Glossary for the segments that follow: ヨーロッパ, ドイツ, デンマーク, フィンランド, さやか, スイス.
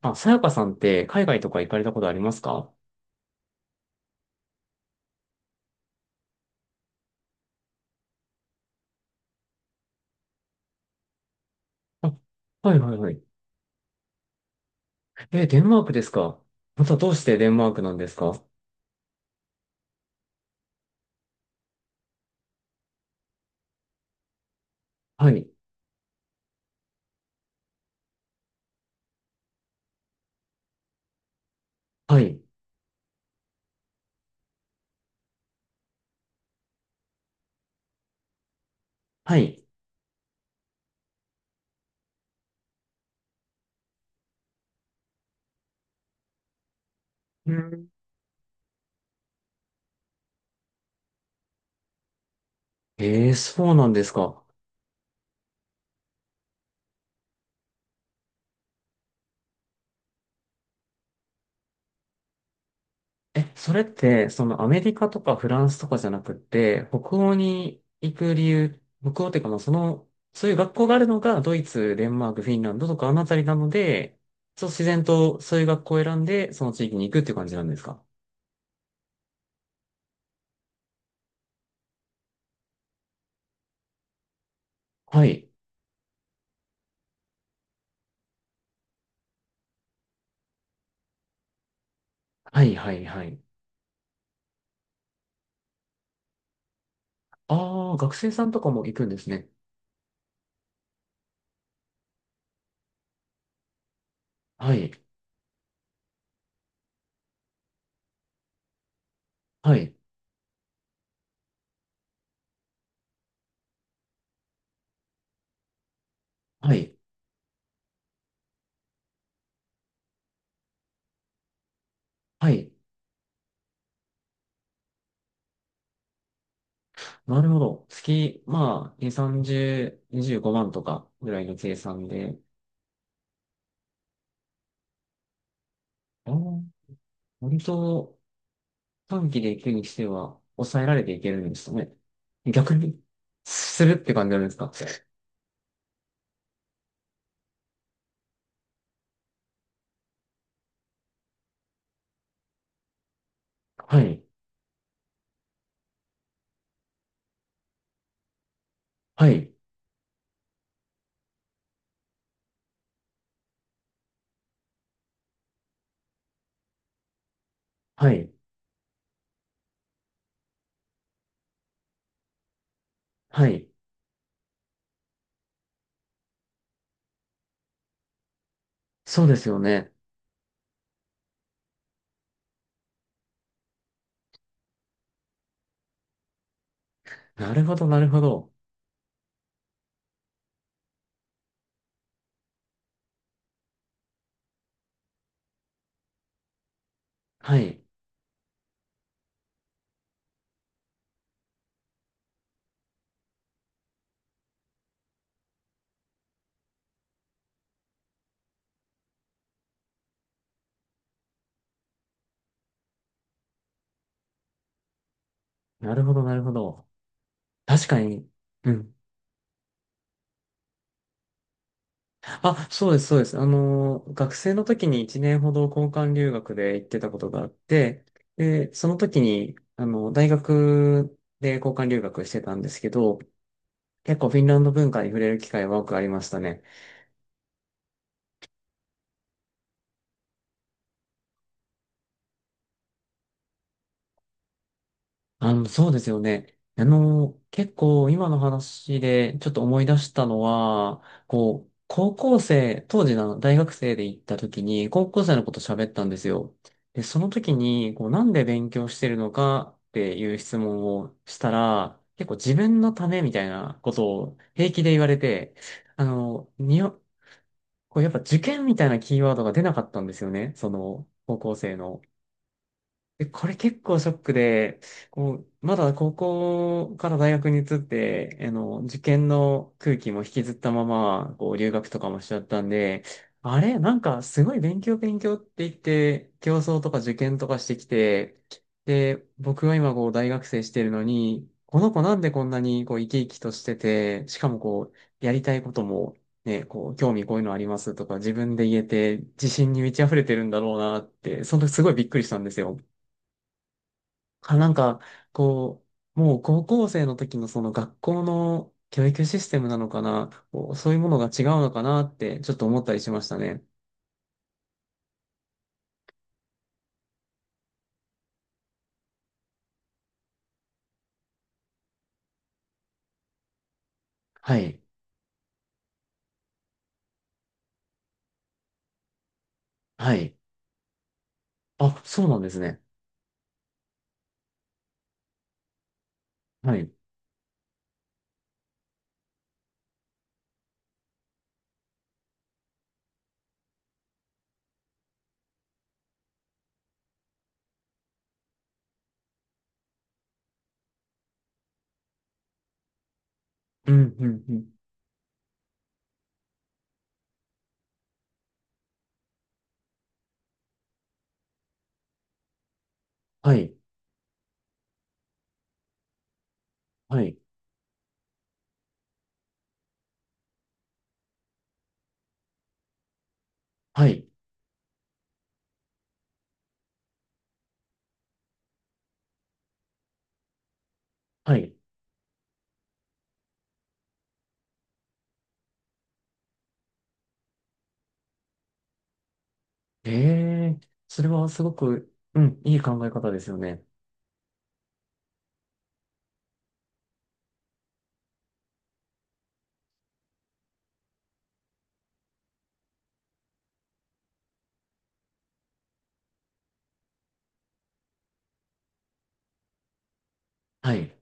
あ、さやかさんって海外とか行かれたことありますか？あ、はいはいはい。え、デンマークですか？またどうしてデンマークなんですか？はい、はい、はい。うん。えー、そうなんですか。え、それって、そのアメリカとかフランスとかじゃなくって、北欧に行く理由、北欧っていうかまあその、そういう学校があるのがドイツ、デンマーク、フィンランドとかあのあたりなので、そう自然とそういう学校を選んで、その地域に行くっていう感じなんですか？はい、はい、はい、はい。ああ、学生さんとかも行くんですね。はい。はい。はい。はい。なるほど。月、まあ、2、30、25万とかぐらいの計算で、ああ、割と短期で行くにしては抑えられていけるんですかね。逆に、するって感じなんですか。はい。はい。はい。はい。そうですよね。なるほど、なるほど。はい。なるほど、なるほど。確かに。うん。あ、そうです、そうです。あの、学生の時に1年ほど交換留学で行ってたことがあって、で、その時に、あの、大学で交換留学してたんですけど、結構フィンランド文化に触れる機会は多くありましたね。あの、そうですよね。あの、結構今の話でちょっと思い出したのは、こう、高校生、当時の大学生で行った時に、高校生のこと喋ったんですよ。で、その時に、こう、なんで勉強してるのかっていう質問をしたら、結構自分のためみたいなことを平気で言われて、あの、こう、やっぱ受験みたいなキーワードが出なかったんですよね。その、高校生の。で、これ結構ショックで、こう、まだ高校から大学に移って、あの、受験の空気も引きずったまま、こう、留学とかもしちゃったんで、あれ、なんかすごい勉強勉強って言って、競争とか受験とかしてきて、で、僕は今こう、大学生してるのに、この子なんでこんなにこう、生き生きとしてて、しかもこう、やりたいことも、ね、こう、興味こういうのありますとか、自分で言えて、自信に満ち溢れてるんだろうなって、その時すごいびっくりしたんですよ。なんか、こう、もう高校生の時のその学校の教育システムなのかな、こうそういうものが違うのかなって、ちょっと思ったりしましたね。はい。はい。あ、そうなんですね。はい。うん、うん、うん。はい。はい。はい。はい。ええ、それはすごく、うん、いい考え方ですよね。はい。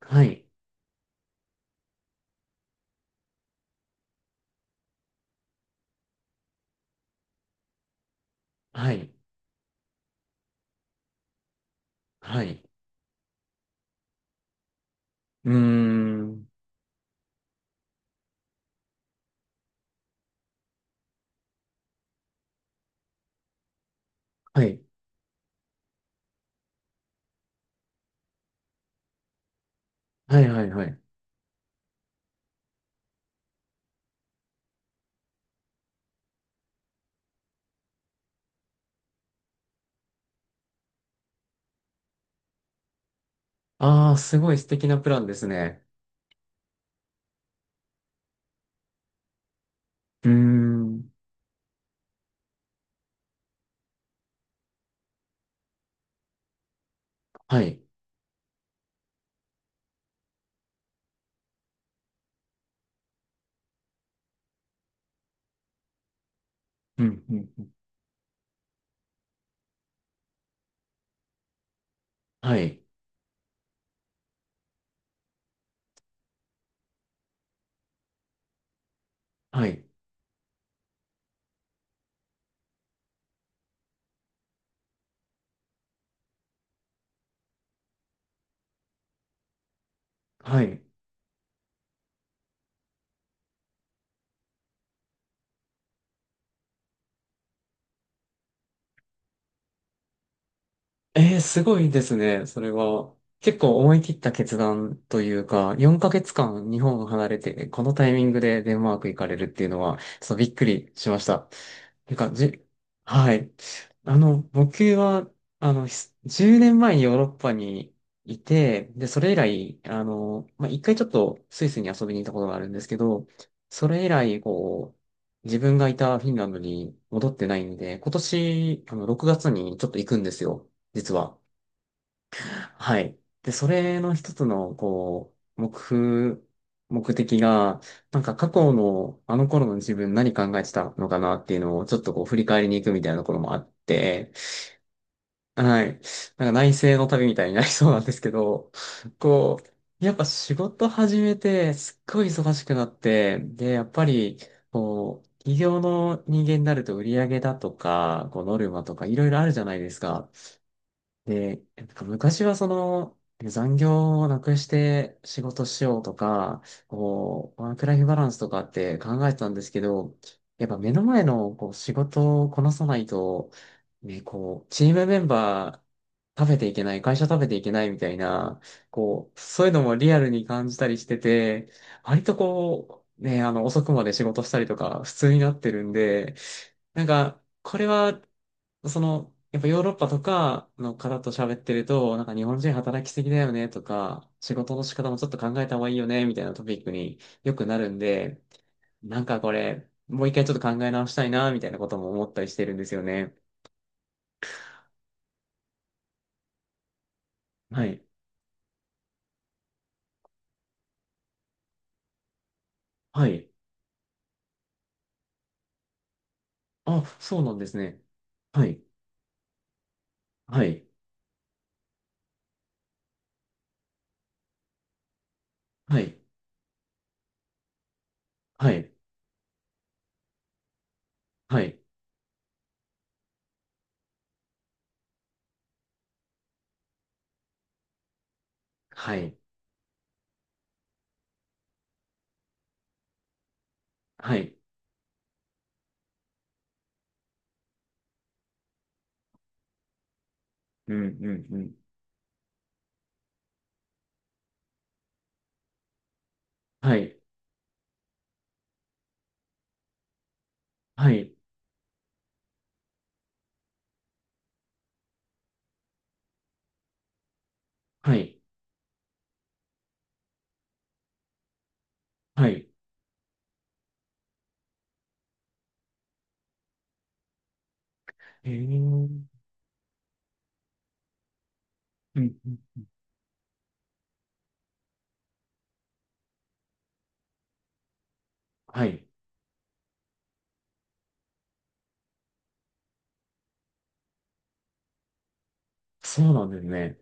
はい。はい。はい。うーん。はい。はい、はい、はい。ああ、すごい素敵なプランですね。うーん。はい。うん、うん、うん。はい、はい、はい。ええ、すごいですね、それは。結構思い切った決断というか、4ヶ月間日本を離れて、このタイミングでデンマーク行かれるっていうのは、ちょっとびっくりしました。てか、はい。あの、僕は、あの、10年前にヨーロッパにいて、で、それ以来、あの、まあ、一回ちょっとスイスに遊びに行ったことがあるんですけど、それ以来、こう、自分がいたフィンランドに戻ってないんで、今年、あの、6月にちょっと行くんですよ。実は。はい。で、それの一つの、こう、目標、目的が、なんか過去の、あの頃の自分何考えてたのかなっていうのを、ちょっとこう、振り返りに行くみたいなところもあって、はい。なんか内省の旅みたいになりそうなんですけど、こう、やっぱ仕事始めて、すっごい忙しくなって、で、やっぱり、こう、企業の人間になると売り上げだとか、こう、ノルマとかいろいろあるじゃないですか。で、なんか昔はその、残業をなくして仕事しようとか、こう、ワークライフバランスとかって考えてたんですけど、やっぱ目の前のこう仕事をこなさないと、ね、こう、チームメンバー食べていけない、会社食べていけないみたいな、こう、そういうのもリアルに感じたりしてて、割とこう、ね、あの、遅くまで仕事したりとか、普通になってるんで、なんか、これはその、やっぱヨーロッパとかの方と喋ってると、なんか日本人働きすぎだよねとか、仕事の仕方もちょっと考えた方がいいよねみたいなトピックによくなるんで、なんかこれ、もう一回ちょっと考え直したいなみたいなことも思ったりしてるんですよね。はい。はい。あ、そうなんですね。はい。はい。はい。はい。はい。はい。はい。うん、うん、うん。はい。はい。はい。はい。えー。うん、うん。はい。そうなんですね。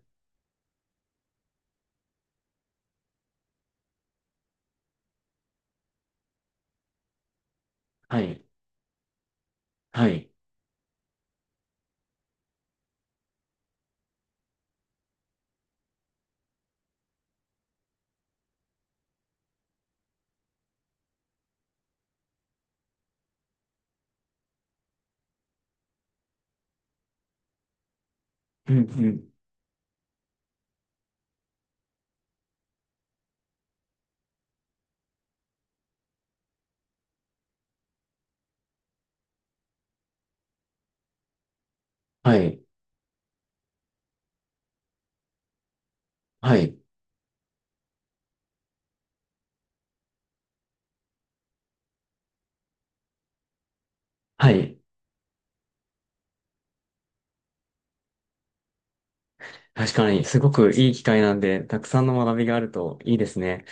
はい。はい。うんうん。はい。はい。はい。確かに、すごくいい機会なんで、たくさんの学びがあるといいですね。